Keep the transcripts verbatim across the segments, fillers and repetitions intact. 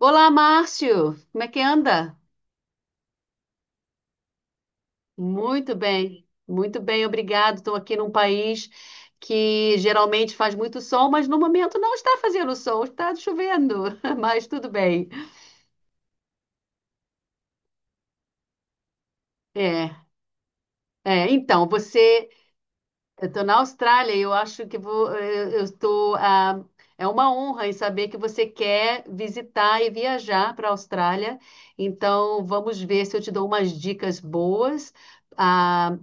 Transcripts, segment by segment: Olá, Márcio. Como é que anda? Muito bem, muito bem, obrigado. Estou aqui num país que geralmente faz muito sol, mas no momento não está fazendo sol, está chovendo, mas tudo bem. É, é, então, você, eu estou na Austrália e eu acho que vou, eh, eu estou, ah, é uma honra em saber que você quer visitar e viajar para a Austrália. Então, vamos ver se eu te dou umas dicas boas, ah,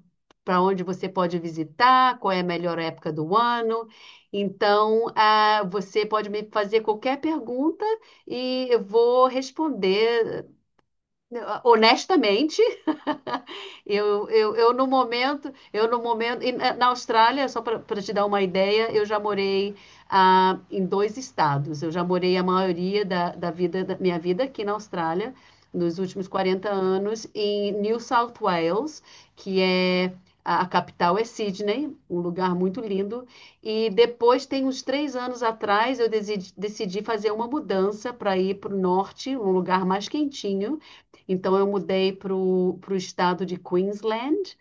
para onde você pode visitar, qual é a melhor época do ano. Então, ah, você pode me fazer qualquer pergunta e eu vou responder eh, honestamente. Eu, eu, eu no momento, eu no momento, e na na Austrália, só para te dar uma ideia, eu já morei, ah, em dois estados. Eu já morei a maioria da, da vida, da minha vida aqui na Austrália, nos últimos quarenta anos, em New South Wales, que é a, a capital é Sydney, um lugar muito lindo. E depois, tem uns três anos atrás, eu decidi, decidi fazer uma mudança para ir para o norte, um lugar mais quentinho. Então eu mudei para o estado de Queensland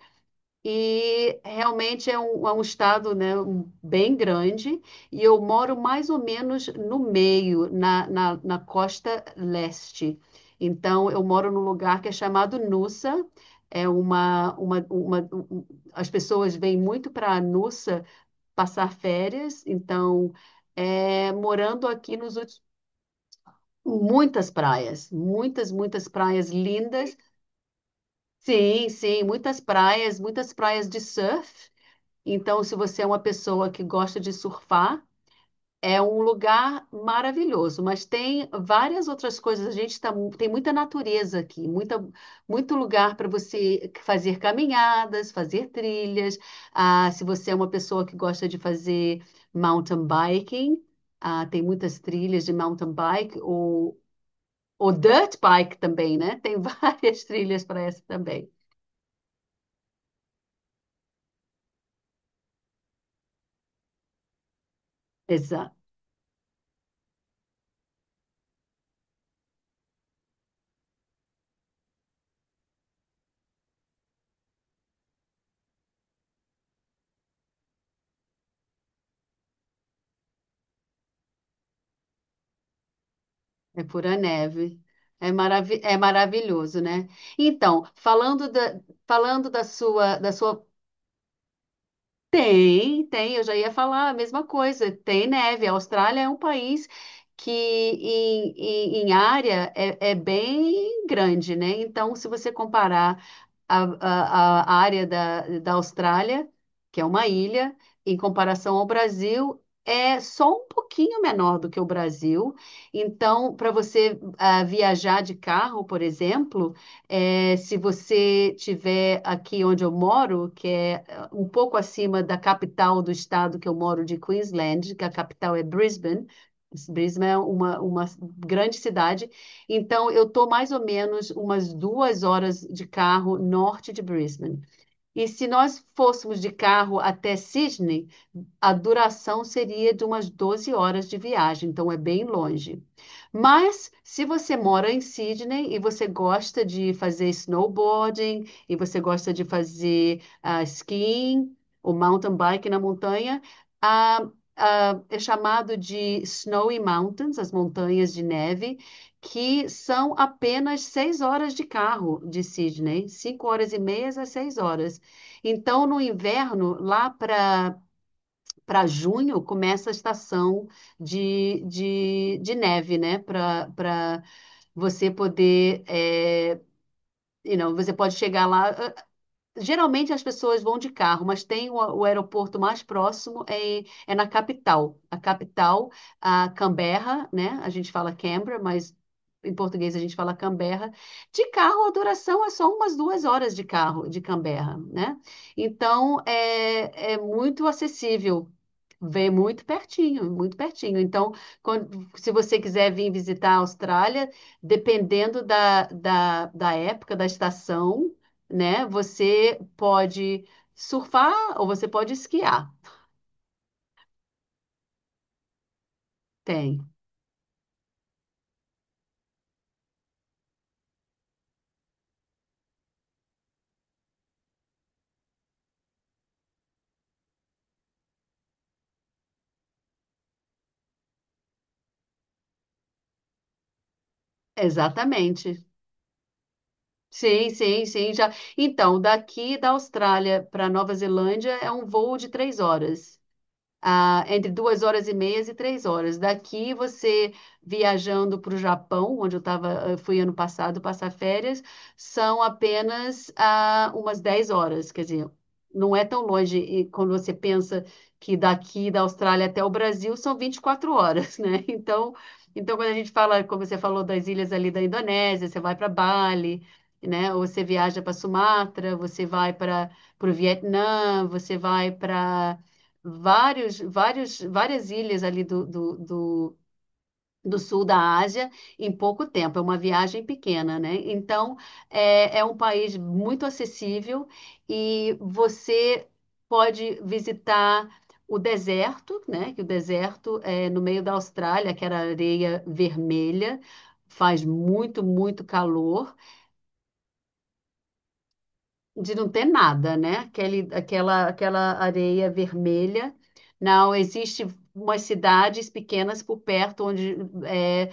e realmente é um, é um estado, né, um- bem grande. E eu moro mais ou menos no meio, na, na, na costa leste. Então eu moro num lugar que é chamado Noosa. É uma, uma, uma, um- um, As pessoas vêm muito para Noosa passar férias. Então é, morando aqui nos últimos, muitas praias, muitas, muitas praias lindas. Sim, sim, muitas praias, muitas praias de surf. Então, se você é uma pessoa que gosta de surfar, é um lugar maravilhoso. Mas tem várias outras coisas. A gente tá, mu- tem muita natureza aqui, muita, muito lugar para você fazer caminhadas, fazer trilhas. Ah, se você é uma pessoa que gosta de fazer mountain biking, ah, tem muitas trilhas de mountain bike ou, ou dirt bike também, né? Tem várias trilhas para essa também. Exato. É pura neve. É maravi é maravilhoso, né? Então, falando da, falando da sua, da sua. Tem, tem, eu já ia falar a mesma coisa. Tem neve. A Austrália é um país que, em, em, em área, é, é bem grande, né? Então, se você comparar a, a, a área da, da Austrália, que é uma ilha, em comparação ao Brasil, é só um pouquinho menor do que o Brasil. Então, para você ah, viajar de carro, por exemplo, eh, se você tiver aqui onde eu moro, que é ah, um pouco acima da capital do estado que eu moro, de Queensland, que a capital é Brisbane. Brisbane é uma, uma grande cidade. Então, eu estou mais ou menos umas duas horas de carro norte de Brisbane. E se nós fôssemos de carro até Sydney, a duração seria de umas doze horas de viagem, então é bem longe. Mas se você mora em Sydney e você gosta de fazer snowboarding, e você gosta de fazer ah, skiing, o mountain bike na montanha, ah, ah, é chamado de Snowy Mountains, as montanhas de neve, que são apenas seis horas de carro de Sydney, cinco horas e meia a seis horas. Então, no inverno, lá para para junho, começa a estação de, de, de neve, né? Para para você poder. É, you know, você pode chegar lá. ah, Geralmente as pessoas vão de carro, mas tem o, o aeroporto mais próximo é, é na capital. A capital, a Canberra, né? A gente fala Canberra, mas em português a gente fala Canberra. De carro, a duração é só umas duas horas de carro de Canberra, né? Então é, é muito acessível. Vem muito pertinho, muito pertinho. Então, quando- se você quiser vir visitar a Austrália, dependendo da, da, da época, da estação, né? Você pode surfar ou você pode esquiar. Tem, exatamente. Sim, sim, sim, já. Então, daqui da Austrália para Nova Zelândia é um voo de três horas, ah, entre duas horas e meia e três horas. Daqui você viajando para o Japão, onde eu tava, eu fui ano passado passar férias, são apenas ah, umas dez horas, quer dizer, não é tão longe. E quando você pensa que daqui da Austrália até o Brasil são vinte e quatro horas, né? Então, então quando a gente fala, como você falou, das ilhas ali da Indonésia, você vai para Bali. Né? Ou você viaja para Sumatra, você vai para o Vietnã, você vai para vários, vários, várias ilhas ali do, do, do, do sul da Ásia em pouco tempo. É uma viagem pequena, né? Então, é, é um país muito acessível e você pode visitar o deserto, né? Que o deserto é no meio da Austrália, que era areia vermelha. Faz muito, muito calor. De não ter nada, né? Aquele, aquela, aquela areia vermelha. Não, existe umas cidades pequenas por perto onde, eh,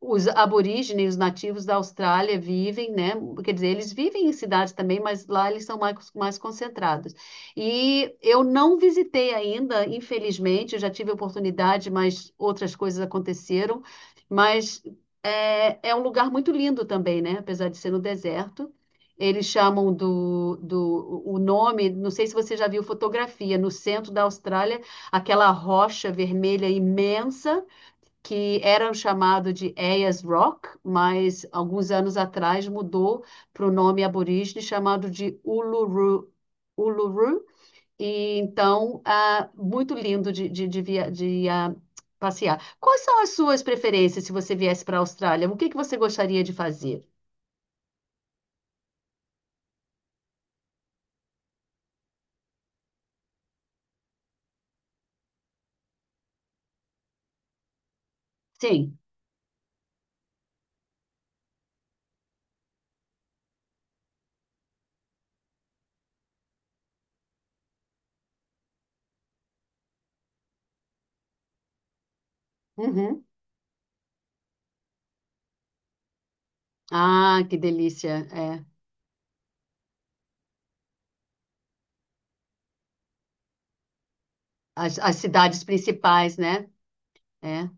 os aborígenes, os nativos da Austrália vivem, né? Quer dizer, eles vivem em cidades também, mas lá eles são mais, mais concentrados. E eu não visitei ainda, infelizmente, eu já tive oportunidade, mas outras coisas aconteceram. Mas é, é um lugar muito lindo também, né? Apesar de ser no deserto. Eles chamam do, do o nome, não sei se você já viu fotografia, no centro da Austrália, aquela rocha vermelha imensa que era chamado de Ayers Rock, mas alguns anos atrás mudou para o nome aborígene chamado de Uluru. Uluru. E, então, ah, muito lindo de, de, de, via- de, ah, passear. Quais são as suas preferências se você viesse para a Austrália? O que que você gostaria de fazer? Sim. Uhum. Ah, que delícia. É. As, as cidades principais, né? É.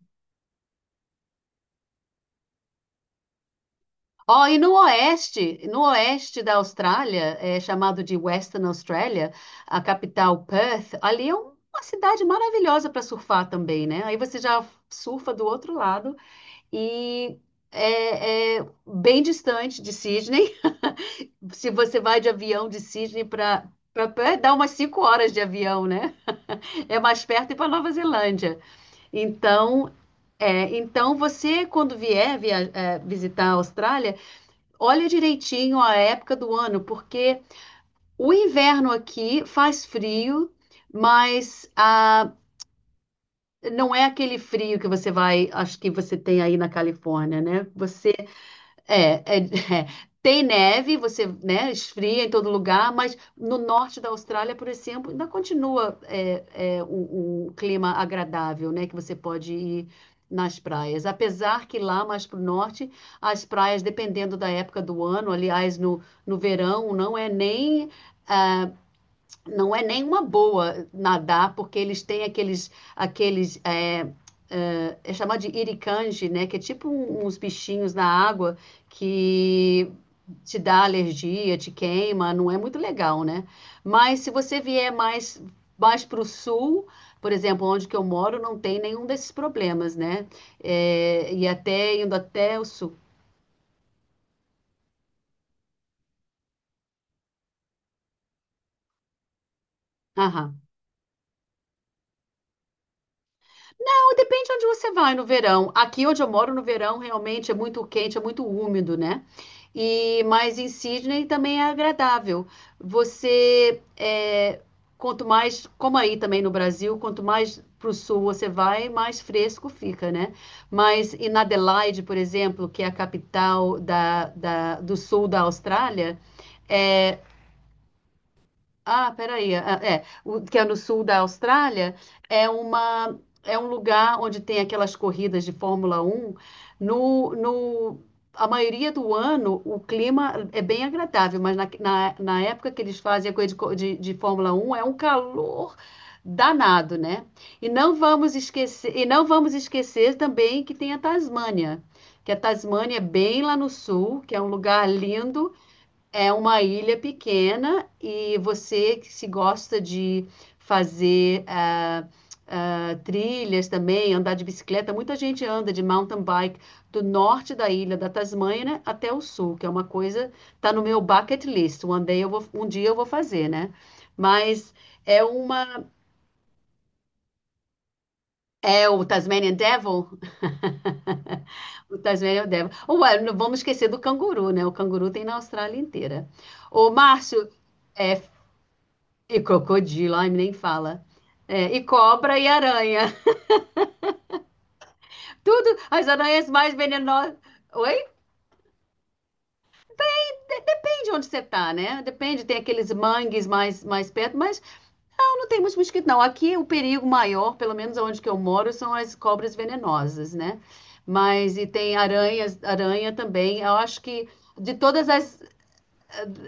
Ó, e no oeste, no oeste da Austrália, é chamado de Western Australia, a capital Perth, ali é um- uma cidade maravilhosa para surfar também, né? Aí você já surfa do outro lado e é, é bem distante de Sydney. Se você vai de avião de Sydney para para Perth, dá umas cinco horas de avião, né? É mais perto ir para Nova Zelândia. Então, é, então você quando vier via, é, visitar a Austrália. Olha direitinho a época do ano, porque o inverno aqui faz frio, mas ah, não é aquele frio que você vai, acho que você tem aí na Califórnia, né? Você é, é, é. Tem neve, você, né, esfria em todo lugar, mas no norte da Austrália, por exemplo, ainda continua é, é, um, um clima agradável, né, que você pode ir nas praias. Apesar que lá mais para o norte, as praias, dependendo da época do ano, aliás, no, no verão, não é nem não é nenhuma boa nadar, porque eles têm aqueles, aqueles é, é, é chamado de iricanje, né? Que é tipo um- uns bichinhos na água que te dá alergia, te queima, não é muito legal, né? Mas se você vier mais, mais para o sul, por exemplo, onde que eu moro, não tem nenhum desses problemas, né? É, e até indo até o sul. Aham. Não, depende de onde você vai no verão. Aqui onde eu moro no verão realmente é muito quente, é muito úmido, né? E mas em Sydney também é agradável. Você é, quanto mais, como aí também no Brasil, quanto mais para o sul você vai, mais fresco fica, né? Mas em Adelaide, por exemplo, que é a capital da, da- do sul da Austrália, é, ah, peraí. ah, É, o, que é no sul da Austrália, é uma, é um lugar onde tem aquelas corridas de Fórmula Um. No, no, a maioria do ano, o clima é bem agradável, mas na, na, na época que eles fazem a corrida de, co- de, de Fórmula Um é um calor danado, né? E não vamos esquecer, e não vamos esquecer também que tem a Tasmânia, que a Tasmânia é bem lá no sul, que é um lugar lindo, é uma ilha pequena e você que se gosta de fazer ah, ah, trilhas também, andar de bicicleta, muita gente anda de mountain bike do norte da ilha da Tasmânia, né, até o sul, que é uma coisa, tá no meu bucket list. Um day eu vou, um dia eu vou fazer, né? Mas é uma é o Tasmanian Devil, o Tasmanian Devil. Ué, não vamos esquecer do canguru, né? O canguru tem na Austrália inteira. Ô, Márcio, é. E crocodilo, ai, nem fala. É, e cobra e aranha. Tudo, as aranhas mais venenosas. Oi? De- depende onde você tá, né? Depende, tem aqueles mangues mais, mais perto, mas não, não tem muito mosquito, não. Aqui o perigo maior, pelo menos onde que eu moro, são as cobras venenosas, né? Mas e tem aranhas, aranha também. Eu acho que de todas as...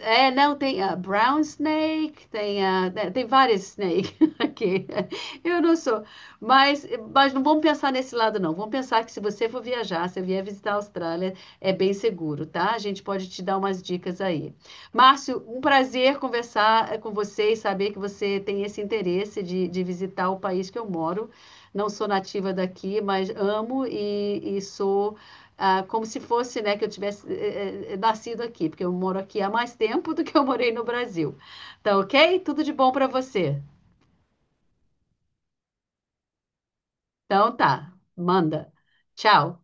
É, não, tem a brown snake, tem a, né, tem várias snake aqui. Eu não sou, mas, mas não vamos pensar nesse lado, não. Vamos pensar que se você for viajar, se vier visitar a Austrália, é bem seguro, tá? A gente pode te dar umas dicas aí. Márcio, um prazer conversar eh, com você e saber que você tem esse interesse de, de visitar o país que eu moro. Não sou nativa daqui, mas amo e, e sou, ah, como se fosse, né, que eu tivesse eh, eh, eh, nascido aqui, porque eu moro aqui há mais tempo do que eu morei no Brasil. Tá, ok? Tudo de bom para você. Então tá, manda. Tchau.